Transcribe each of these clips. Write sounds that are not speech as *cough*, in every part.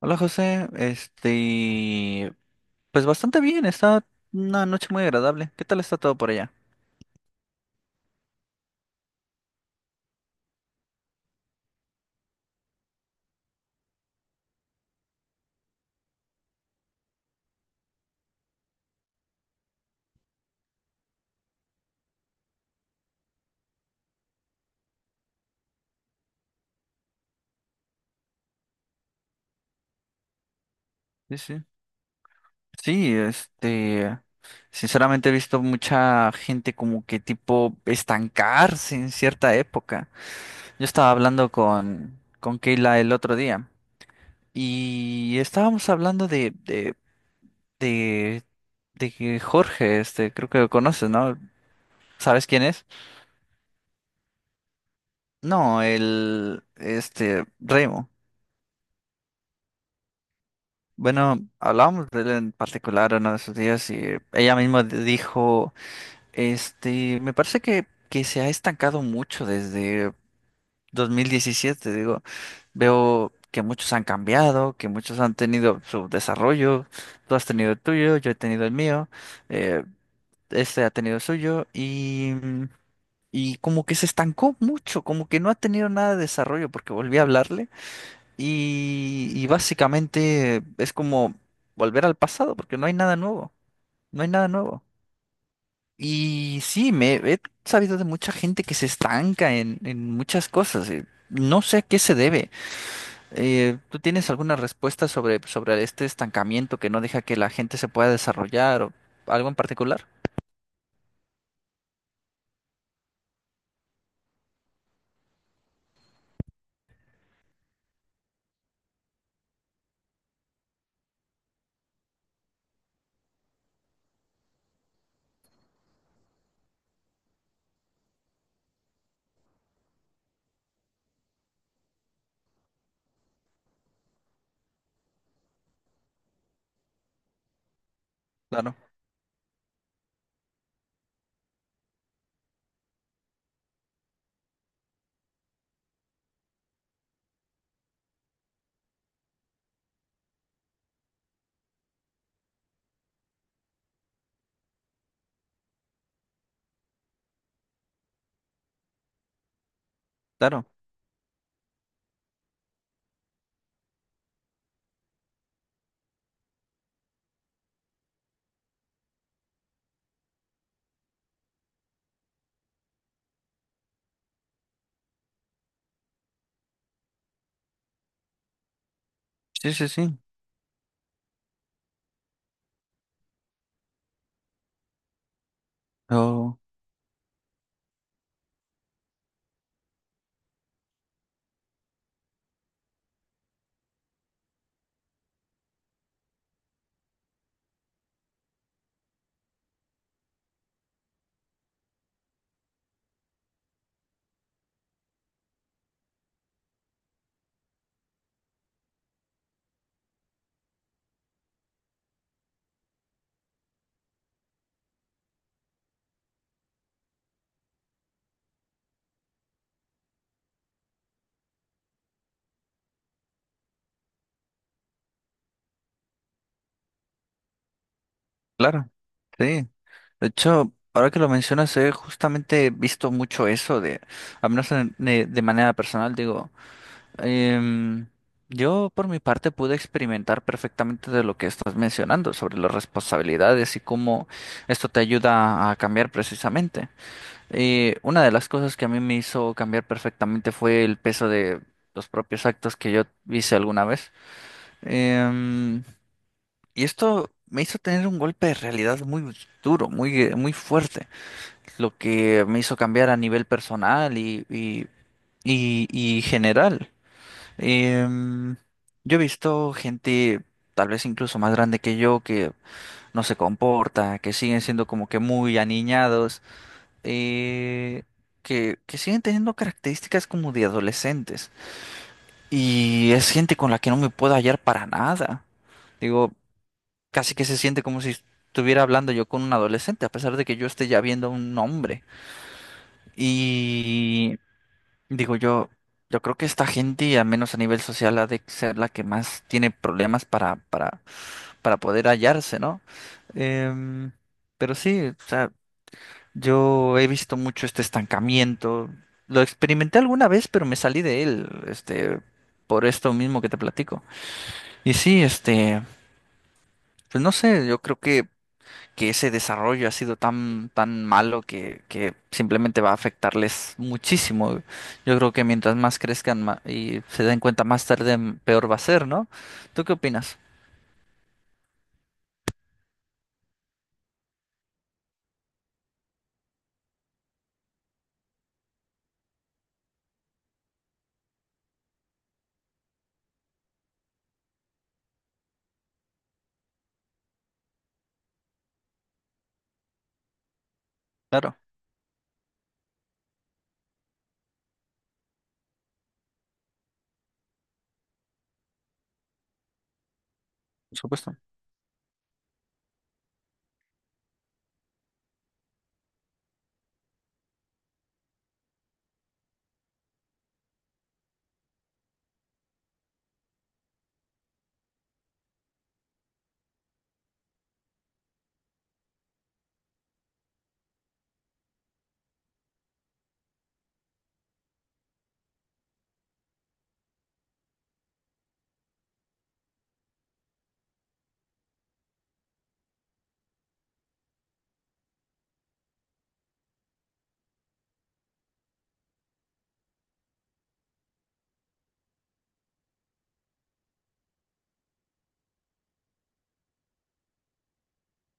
Hola José, pues bastante bien, está una noche muy agradable. ¿Qué tal está todo por allá? Sí, sí. Sí, sinceramente he visto mucha gente como que tipo estancarse en cierta época. Yo estaba hablando con Keila el otro día y estábamos hablando de, de que Jorge, creo que lo conoces, ¿no? ¿Sabes quién es? No, el, Remo. Bueno, hablábamos de él en particular uno de esos días y ella misma dijo, me parece que se ha estancado mucho desde 2017, digo, veo que muchos han cambiado, que muchos han tenido su desarrollo, tú has tenido el tuyo, yo he tenido el mío, eh, este ha tenido el suyo y como que se estancó mucho, como que no ha tenido nada de desarrollo porque volví a hablarle. Y básicamente es como volver al pasado, porque no hay nada nuevo, no hay nada nuevo. Y sí, me he sabido de mucha gente que se estanca en muchas cosas. No sé a qué se debe. ¿Tú tienes alguna respuesta sobre este estancamiento que no deja que la gente se pueda desarrollar o algo en particular? Claro, claro. Sí, sí, sí. Oh. Claro, sí. De hecho, ahora que lo mencionas, he justamente visto mucho eso de, al menos de manera personal, digo, em, yo por mi parte pude experimentar perfectamente de lo que estás mencionando sobre las responsabilidades y cómo esto te ayuda a cambiar precisamente. Una de las cosas que a mí me hizo cambiar perfectamente fue el peso de los propios actos que yo hice alguna vez. Em, y esto me hizo tener un golpe de realidad muy duro, muy fuerte, lo que me hizo cambiar a nivel personal y general. Em, yo he visto gente, tal vez incluso más grande que yo, que no se comporta, que siguen siendo como que muy aniñados, eh, que siguen teniendo características como de adolescentes. Y es gente con la que no me puedo hallar para nada. Digo, casi que se siente como si estuviera hablando yo con un adolescente, a pesar de que yo esté ya viendo a un hombre. Y digo yo, yo creo que esta gente, al menos a nivel social, ha de ser la que más tiene problemas para poder hallarse, ¿no? Em, pero sí, o sea, yo he visto mucho este estancamiento. Lo experimenté alguna vez, pero me salí de él, por esto mismo que te platico. Y sí, pues no sé, yo creo que ese desarrollo ha sido tan malo que simplemente va a afectarles muchísimo. Yo creo que mientras más crezcan y se den cuenta más tarde, peor va a ser, ¿no? ¿Tú qué opinas? Claro, por supuesto.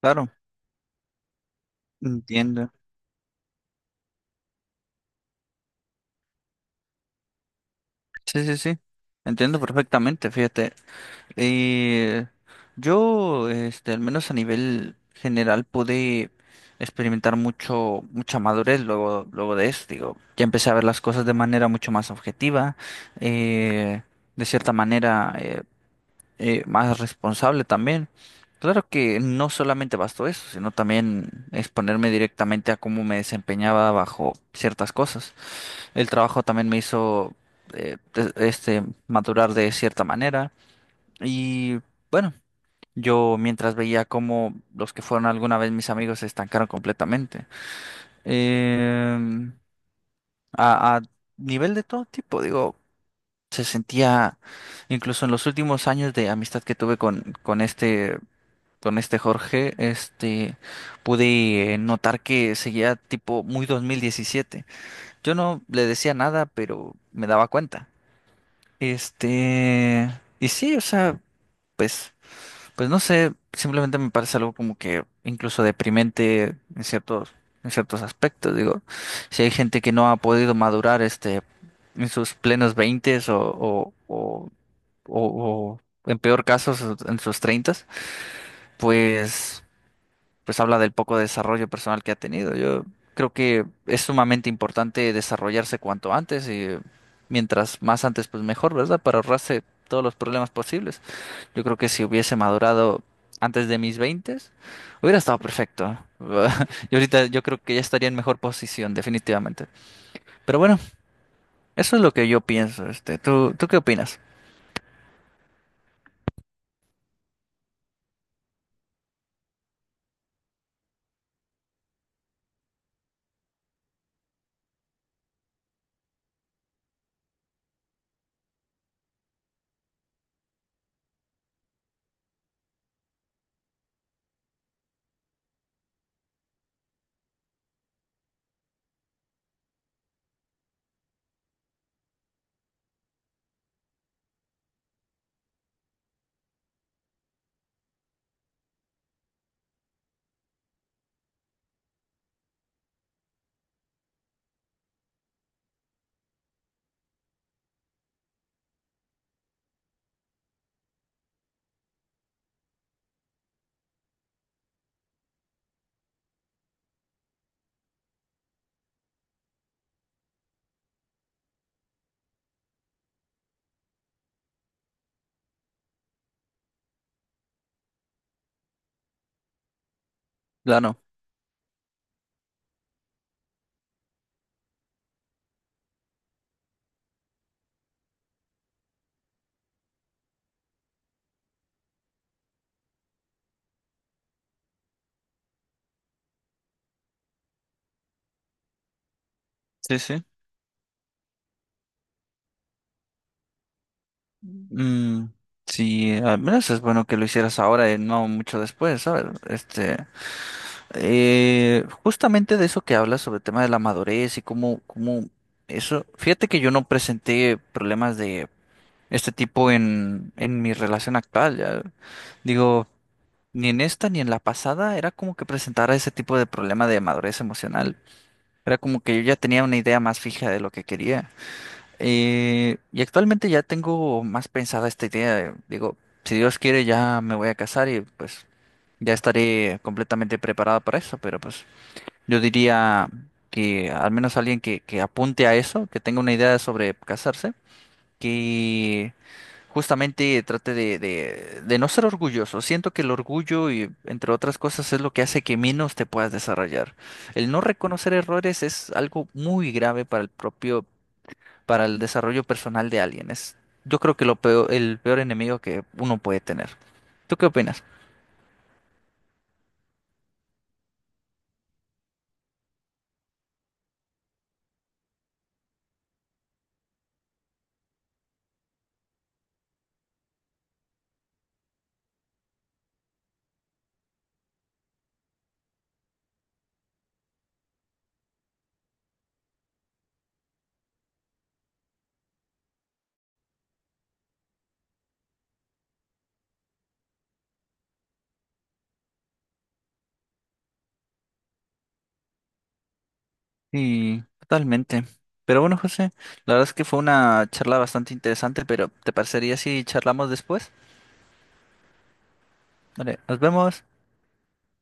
Claro, entiendo. Sí, sí, sí. Entiendo perfectamente, fíjate. Eh, yo, al menos a nivel general, pude experimentar mucha madurez luego, luego de esto. Digo, ya empecé a ver las cosas de manera mucho más objetiva, eh, de cierta manera, más responsable también. Claro que no solamente bastó eso, sino también exponerme directamente a cómo me desempeñaba bajo ciertas cosas. El trabajo también me hizo, madurar de cierta manera y bueno. Yo mientras veía cómo los que fueron alguna vez mis amigos se estancaron completamente. Em, a nivel de todo tipo, digo, se sentía, incluso en los últimos años de amistad que tuve con este Jorge, pude notar que seguía tipo muy 2017. Yo no le decía nada, pero me daba cuenta. Este, y sí, o sea, pues. Pues no sé, simplemente me parece algo como que incluso deprimente en ciertos aspectos. Digo, si hay gente que no ha podido madurar en sus plenos veintes o- o, en peor caso en sus treintas, pues, pues habla del poco desarrollo personal que ha tenido. Yo creo que es sumamente importante desarrollarse cuanto antes y mientras más antes, pues mejor, ¿verdad? Para ahorrarse todos los problemas posibles. Yo creo que si hubiese madurado antes de mis 20, hubiera estado perfecto. *laughs* Y ahorita yo creo que ya estaría en mejor posición, definitivamente. Pero bueno, eso es lo que yo pienso. ¿Tú qué opinas? Claro. Sí, sí. Mm, sí, al menos es bueno que lo hicieras ahora y no mucho después, ¿sabes? Justamente de eso que hablas sobre el tema de la madurez y cómo eso. Fíjate que yo no presenté problemas de este tipo en mi relación actual. Ya. Digo, ni en esta ni en la pasada era como que presentara ese tipo de problema de madurez emocional. Era como que yo ya tenía una idea más fija de lo que quería. Y actualmente ya tengo más pensada esta idea. Digo, si Dios quiere ya me voy a casar y pues ya estaré completamente preparado para eso. Pero pues yo diría que al menos alguien que apunte a eso, que tenga una idea sobre casarse, que justamente trate de no ser orgulloso. Siento que el orgullo y entre otras cosas es lo que hace que menos te puedas desarrollar. El no reconocer errores es algo muy grave para el desarrollo personal de alguien. Yo creo que lo peor, el peor enemigo que uno puede tener. ¿Tú qué opinas? Sí, totalmente. Pero bueno, José, la verdad es que fue una charla bastante interesante, pero ¿te parecería si charlamos después? Vale, nos vemos.